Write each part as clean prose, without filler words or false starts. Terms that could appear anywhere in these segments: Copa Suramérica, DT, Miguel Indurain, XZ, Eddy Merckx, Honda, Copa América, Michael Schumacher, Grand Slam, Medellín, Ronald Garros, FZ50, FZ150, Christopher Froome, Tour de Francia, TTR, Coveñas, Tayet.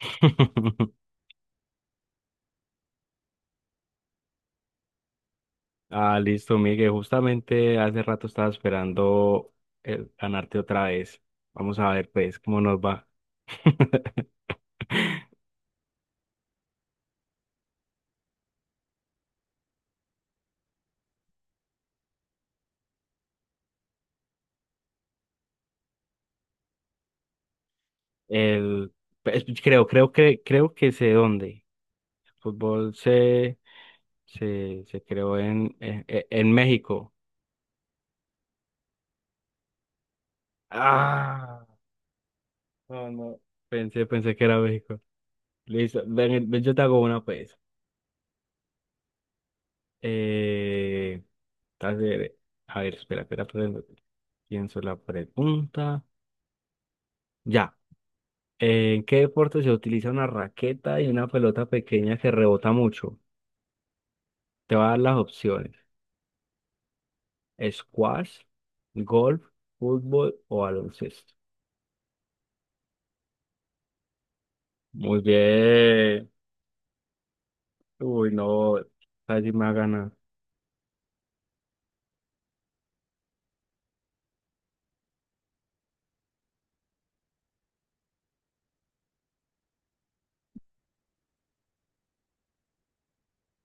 Ah, listo, Miguel. Justamente hace rato estaba esperando el ganarte otra vez. Vamos a ver, pues, cómo nos va. El, pues creo que sé dónde. El fútbol se creó en México. Ah, no, no. Pensé que era México. Listo. Ven, yo te hago una, pues. Eh, a ver, a ver, espera, pienso la pregunta. Ya. ¿En qué deporte se utiliza una raqueta y una pelota pequeña que rebota mucho? Te va a dar las opciones. Squash, golf, fútbol o baloncesto. Muy bien. Uy, no. Casi me ha ganado.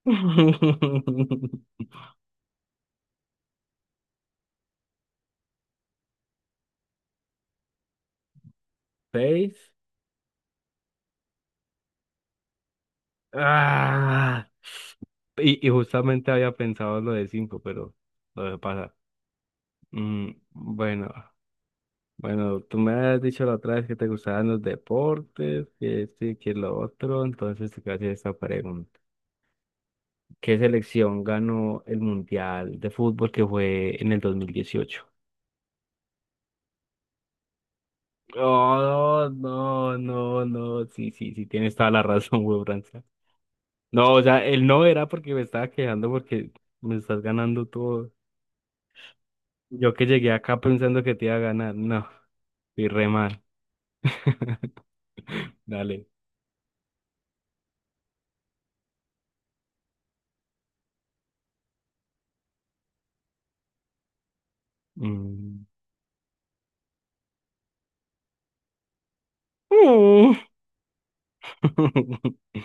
Seis. Ah. Y justamente había pensado en lo de cinco, pero lo dejé pasar. Mm, bueno, bueno, tú me has dicho la otra vez que te gustaban los deportes, que esto y que lo otro, entonces te quiero hacer esta pregunta. ¿Qué selección ganó el Mundial de Fútbol que fue en el 2018? Oh, no, no, no, sí, sí, sí, tienes toda la razón, güey, Franza. No, o sea, él no era porque me estaba quejando porque me estás ganando todo. Yo que llegué acá pensando que te iba a ganar, no, fui re mal. Dale. Mm. Mm.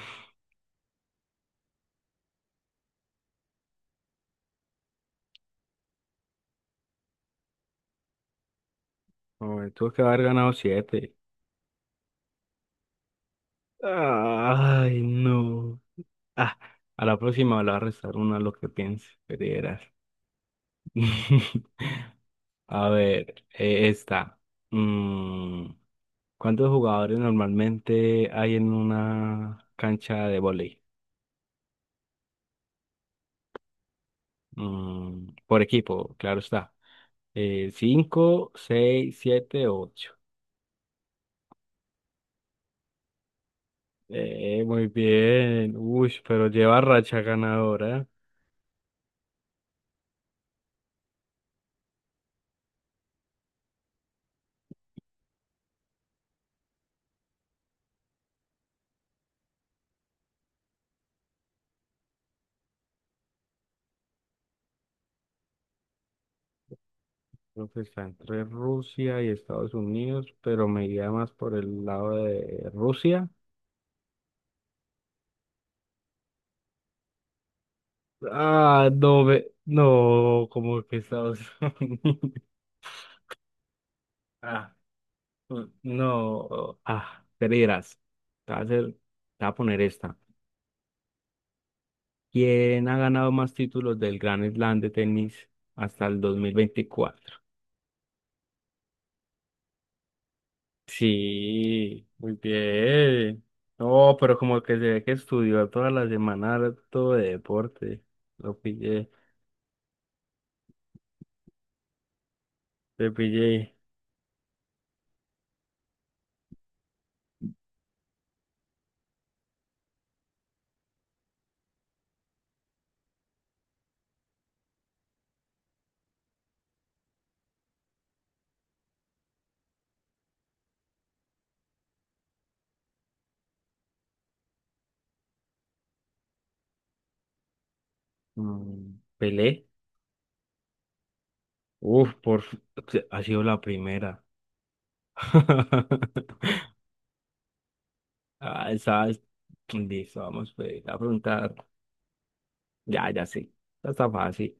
Hombre, tuvo que haber ganado siete. Ay, no. Ah, a la próxima le va a restar una a lo que piense, pero verás. A ver, esta. Mm, ¿Cuántos jugadores normalmente hay en una cancha de vóley? Mm, por equipo, claro está. Cinco, seis, siete, ocho. Muy bien. Uy, pero lleva racha ganadora. Creo que está entre Rusia y Estados Unidos, pero me iría más por el lado de Rusia. No, como que Estados Unidos. Ah, mm, no, ah, Creerás. Te voy a poner esta. ¿Quién ha ganado más títulos del Grand Slam de tenis hasta el dos mil veinticuatro? Sí, muy bien. No, pero como que se ve que estudió toda la semana todo de deporte. Lo pillé. De PJ. Pelé. Uf, por... Ha sido la primera. Ah, esa Listo, vamos pues, a preguntar. Ya sé. Esta Está fácil.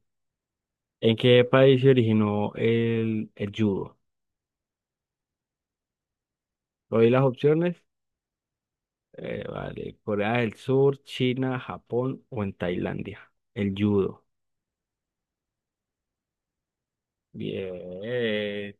¿En qué país se originó el judo? ¿Doy las opciones? Vale. Corea del Sur, China, Japón o en Tailandia. El judo. Bien.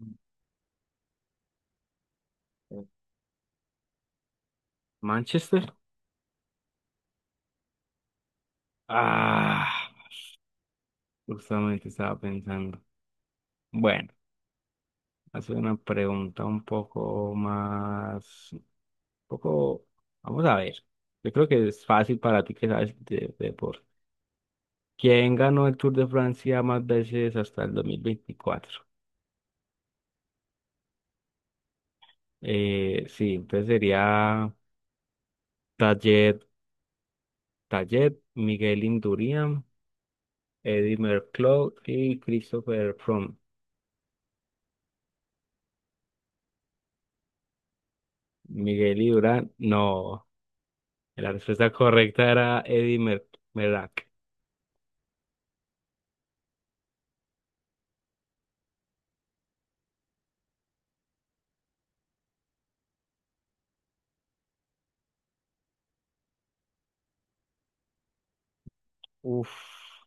Manchester. Ah, justamente estaba pensando. Bueno, hacer una pregunta un poco más, un poco, vamos a ver. Yo creo que es fácil para ti que sabes de deporte. ¿Quién ganó el Tour de Francia más veces hasta el 2024? Sí, entonces sería Tayet, Tayet, Miguel Indurain, Eddy Merckx y Christopher Froome. Miguel Indurain, no. La respuesta correcta era Eddy Mer Merckx. Uf.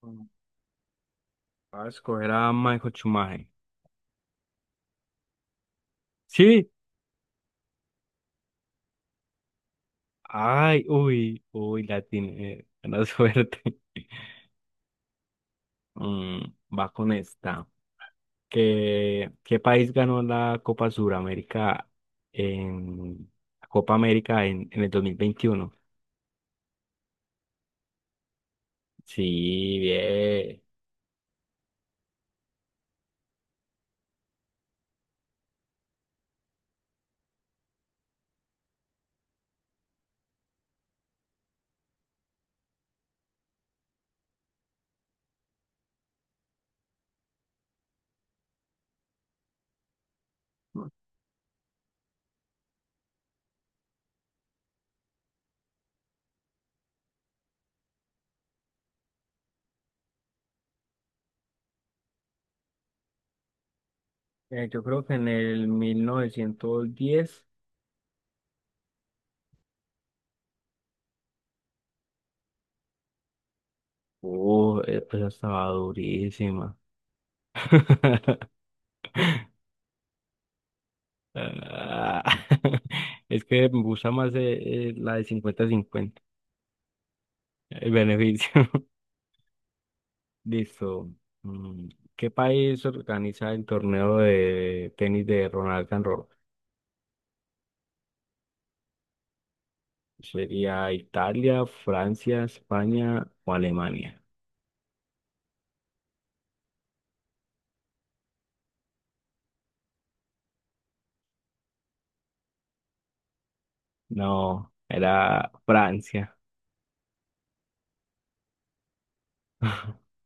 Va a escoger a Michael Schumacher. Sí. Ay, uy, uy, la tiene. Buena suerte. Mm, va con esta. ¿Qué país ganó la Copa Suramérica en la Copa América en el 2021? Sí, bien. Yo creo que en el 1910. Pues estaba durísima. Ah, Es que me gusta más la de cincuenta cincuenta. El beneficio. Listo. Mm, ¿qué país organiza el torneo de tenis de Ronald Garros? ¿Sería Italia, Francia, España o Alemania? No, era Francia.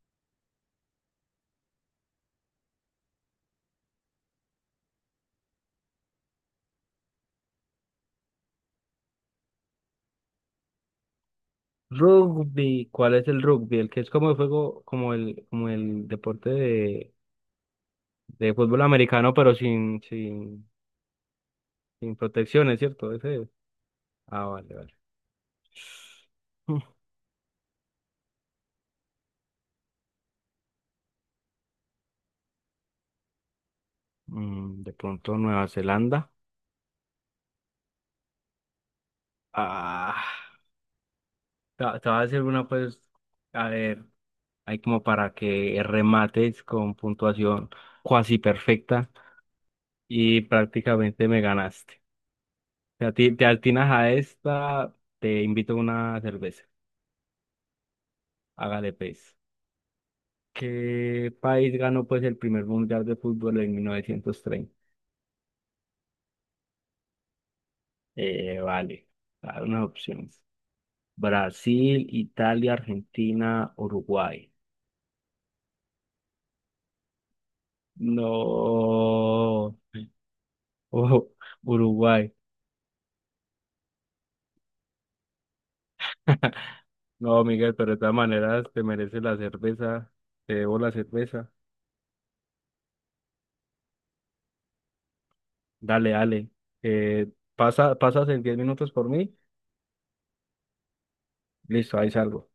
Rugby, ¿cuál es el rugby? El que es como el juego, como el deporte de fútbol americano, pero sin protecciones, ¿cierto? Ese es. Ah, vale, vale. Mm, de pronto Nueva Zelanda. Ah. Te voy a hacer una, pues, a ver, hay como para que remates con puntuación cuasi perfecta y prácticamente me ganaste. Si a ti te atinas a esta, te invito a una cerveza. Hágale, pues. ¿Qué país ganó, pues, el primer mundial de fútbol en mil novecientos treinta? Eh, vale, Dar unas opciones. Brasil, Italia, Argentina, Uruguay. No, oh, Uruguay. No, Miguel, pero de todas maneras te mereces la cerveza, te debo la cerveza. Dale, dale. Eh, pasa, pasas en 10 minutos por mí, listo, ahí salgo.